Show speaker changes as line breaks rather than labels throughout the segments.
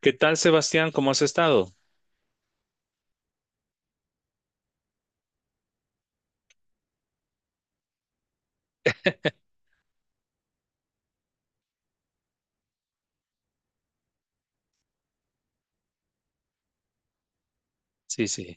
¿Qué tal, Sebastián? ¿Cómo has estado? Sí, sí.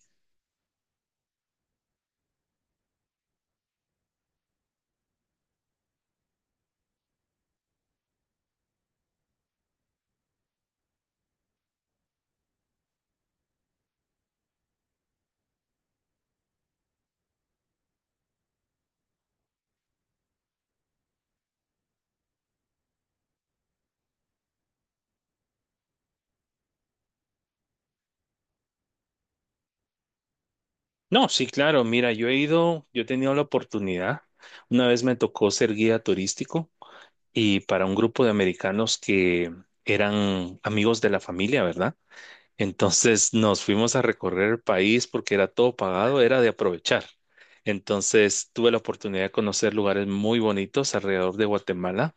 No, sí, claro. Mira, yo he ido, yo he tenido la oportunidad. Una vez me tocó ser guía turístico y para un grupo de americanos que eran amigos de la familia, ¿verdad? Entonces nos fuimos a recorrer el país porque era todo pagado, era de aprovechar. Entonces tuve la oportunidad de conocer lugares muy bonitos alrededor de Guatemala.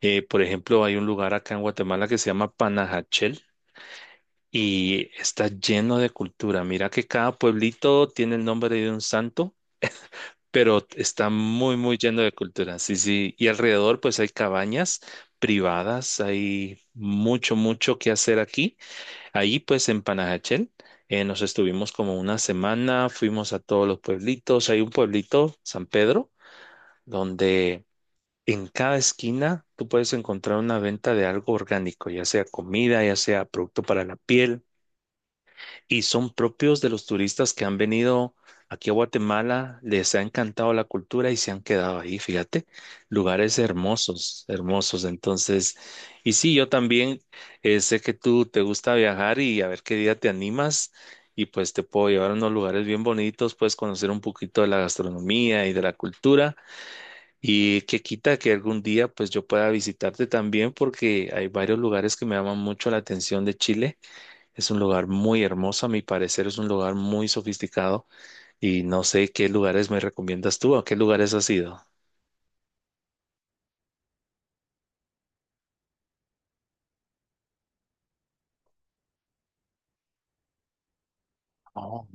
Por ejemplo, hay un lugar acá en Guatemala que se llama Panajachel y está lleno de cultura. Mira que cada pueblito tiene el nombre de un santo, pero está muy, muy lleno de cultura. Sí, sí. Y alrededor, pues hay cabañas privadas, hay mucho, mucho que hacer aquí. Ahí, pues en Panajachel, nos estuvimos como una semana, fuimos a todos los pueblitos. Hay un pueblito, San Pedro, donde... En cada esquina tú puedes encontrar una venta de algo orgánico, ya sea comida, ya sea producto para la piel, y son propios de los turistas que han venido aquí a Guatemala, les ha encantado la cultura y se han quedado ahí, fíjate, lugares hermosos, hermosos. Entonces, y sí, yo también sé que tú te gusta viajar y a ver qué día te animas y pues te puedo llevar a unos lugares bien bonitos, puedes conocer un poquito de la gastronomía y de la cultura y que quita que algún día pues yo pueda visitarte también porque hay varios lugares que me llaman mucho la atención de Chile, es un lugar muy hermoso, a mi parecer es un lugar muy sofisticado y no sé qué lugares me recomiendas tú, a qué lugares has ido. Oh,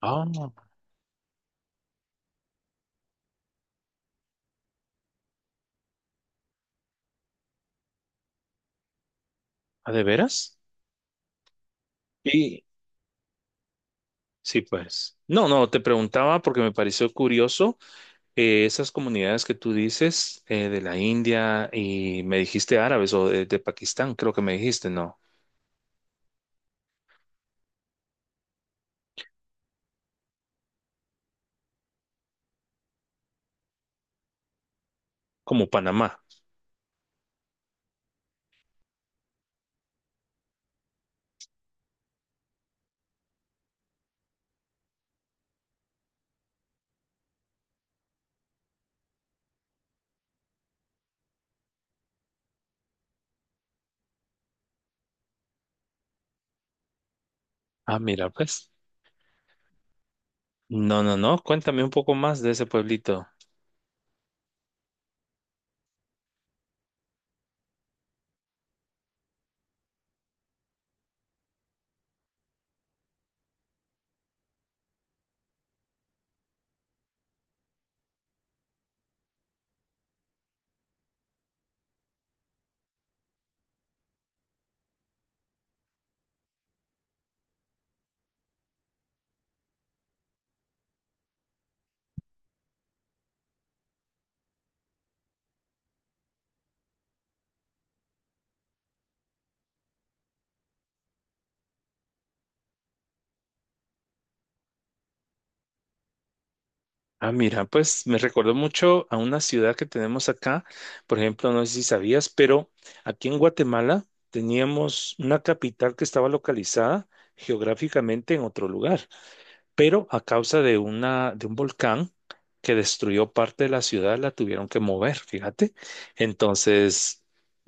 ah, ¿ah, ¿de veras? Y sí, pues. No, no, te preguntaba porque me pareció curioso esas comunidades que tú dices, de la India y me dijiste árabes o de Pakistán, creo que me dijiste, ¿no? Como Panamá. Ah, mira, pues. No, no, no, cuéntame un poco más de ese pueblito. Ah, mira, pues me recordó mucho a una ciudad que tenemos acá. Por ejemplo, no sé si sabías, pero aquí en Guatemala teníamos una capital que estaba localizada geográficamente en otro lugar, pero a causa de una, de un volcán que destruyó parte de la ciudad, la tuvieron que mover, fíjate. Entonces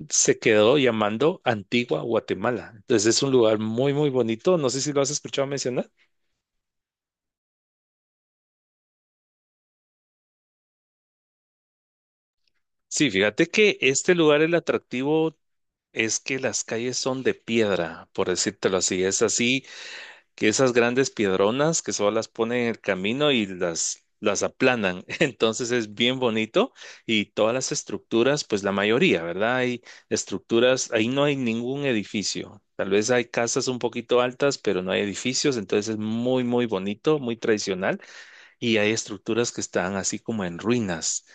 se quedó llamando Antigua Guatemala. Entonces es un lugar muy, muy bonito. No sé si lo has escuchado mencionar. Sí, fíjate que este lugar, el atractivo, es que las calles son de piedra, por decírtelo así. Es así que esas grandes piedronas que solo las ponen en el camino y las aplanan. Entonces es bien bonito y todas las estructuras, pues la mayoría, ¿verdad? Hay estructuras, ahí no hay ningún edificio. Tal vez hay casas un poquito altas, pero no hay edificios. Entonces es muy, muy bonito, muy tradicional y hay estructuras que están así como en ruinas.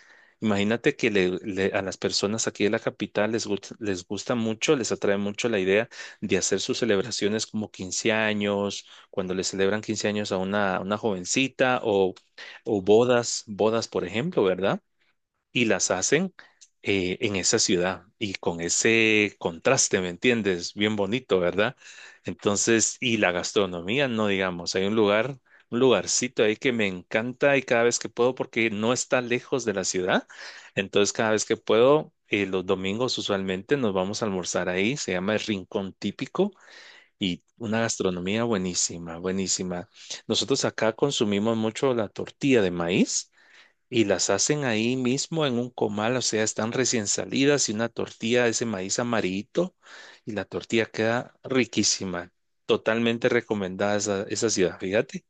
Imagínate que a las personas aquí de la capital les, les gusta mucho, les atrae mucho la idea de hacer sus celebraciones como 15 años, cuando le celebran 15 años a una jovencita o bodas, bodas, por ejemplo, ¿verdad? Y las hacen en esa ciudad y con ese contraste, ¿me entiendes? Bien bonito, ¿verdad? Entonces, y la gastronomía, no digamos, hay un lugar, un lugarcito ahí que me encanta y cada vez que puedo, porque no está lejos de la ciudad, entonces cada vez que puedo, los domingos usualmente nos vamos a almorzar ahí, se llama el Rincón Típico. Y una gastronomía buenísima, buenísima. Nosotros acá consumimos mucho la tortilla de maíz y las hacen ahí mismo en un comal, o sea, están recién salidas y una tortilla de ese maíz amarillito y la tortilla queda riquísima. Totalmente recomendada esa, esa ciudad, fíjate.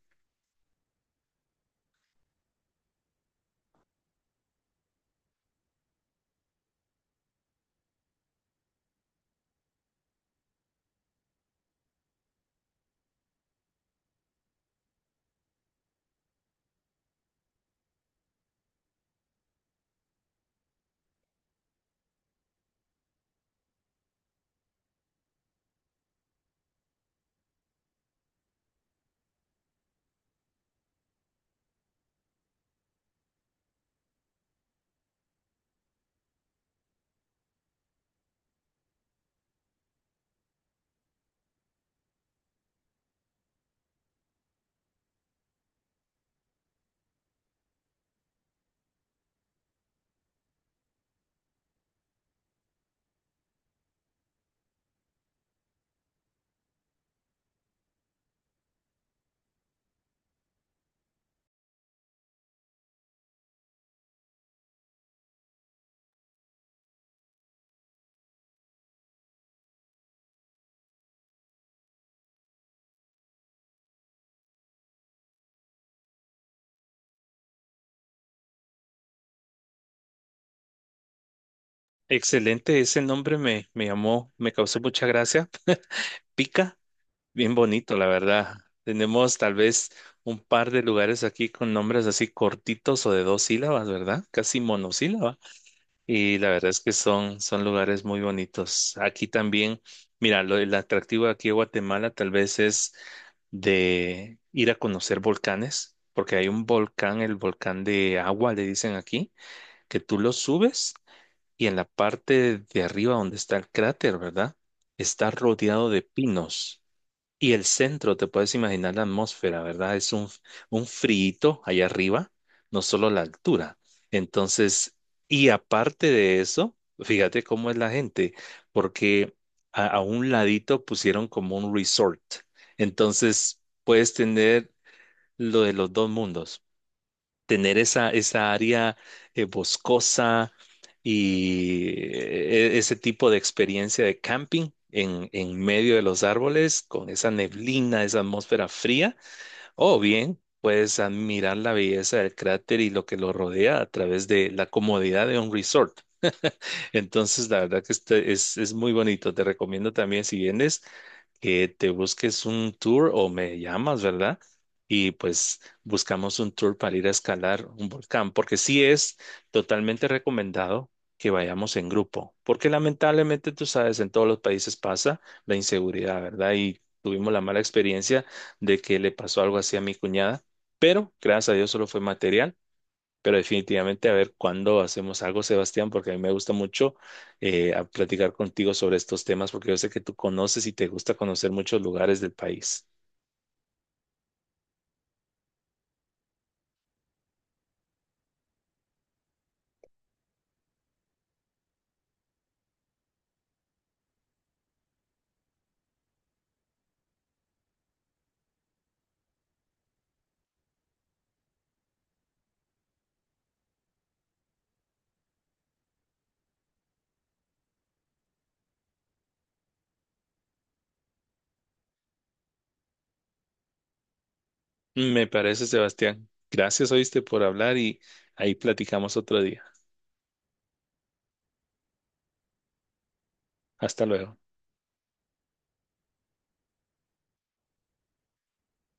Excelente, ese nombre me, me llamó, me causó mucha gracia. Pica, bien bonito, la verdad. Tenemos tal vez un par de lugares aquí con nombres así cortitos o de dos sílabas, ¿verdad? Casi monosílaba. Y la verdad es que son, son lugares muy bonitos. Aquí también, mira, lo, el atractivo aquí en Guatemala tal vez es de ir a conocer volcanes, porque hay un volcán, el volcán de agua, le dicen aquí, que tú lo subes y en la parte de arriba donde está el cráter, ¿verdad? Está rodeado de pinos. Y el centro, te puedes imaginar la atmósfera, ¿verdad? Es un friito allá arriba, no solo la altura. Entonces, y aparte de eso, fíjate cómo es la gente, porque a un ladito pusieron como un resort. Entonces, puedes tener lo de los dos mundos, tener esa, esa área boscosa y ese tipo de experiencia de camping en medio de los árboles, con esa neblina, esa atmósfera fría, o bien puedes admirar la belleza del cráter y lo que lo rodea a través de la comodidad de un resort. Entonces, la verdad que este es muy bonito. Te recomiendo también si vienes que te busques un tour o me llamas, ¿verdad? Y pues buscamos un tour para ir a escalar un volcán, porque sí es totalmente recomendado que vayamos en grupo, porque lamentablemente tú sabes, en todos los países pasa la inseguridad, ¿verdad? Y tuvimos la mala experiencia de que le pasó algo así a mi cuñada, pero gracias a Dios solo fue material, pero definitivamente a ver cuándo hacemos algo, Sebastián, porque a mí me gusta mucho a platicar contigo sobre estos temas, porque yo sé que tú conoces y te gusta conocer muchos lugares del país. Me parece, Sebastián. Gracias, oíste, por hablar y ahí platicamos otro día. Hasta luego.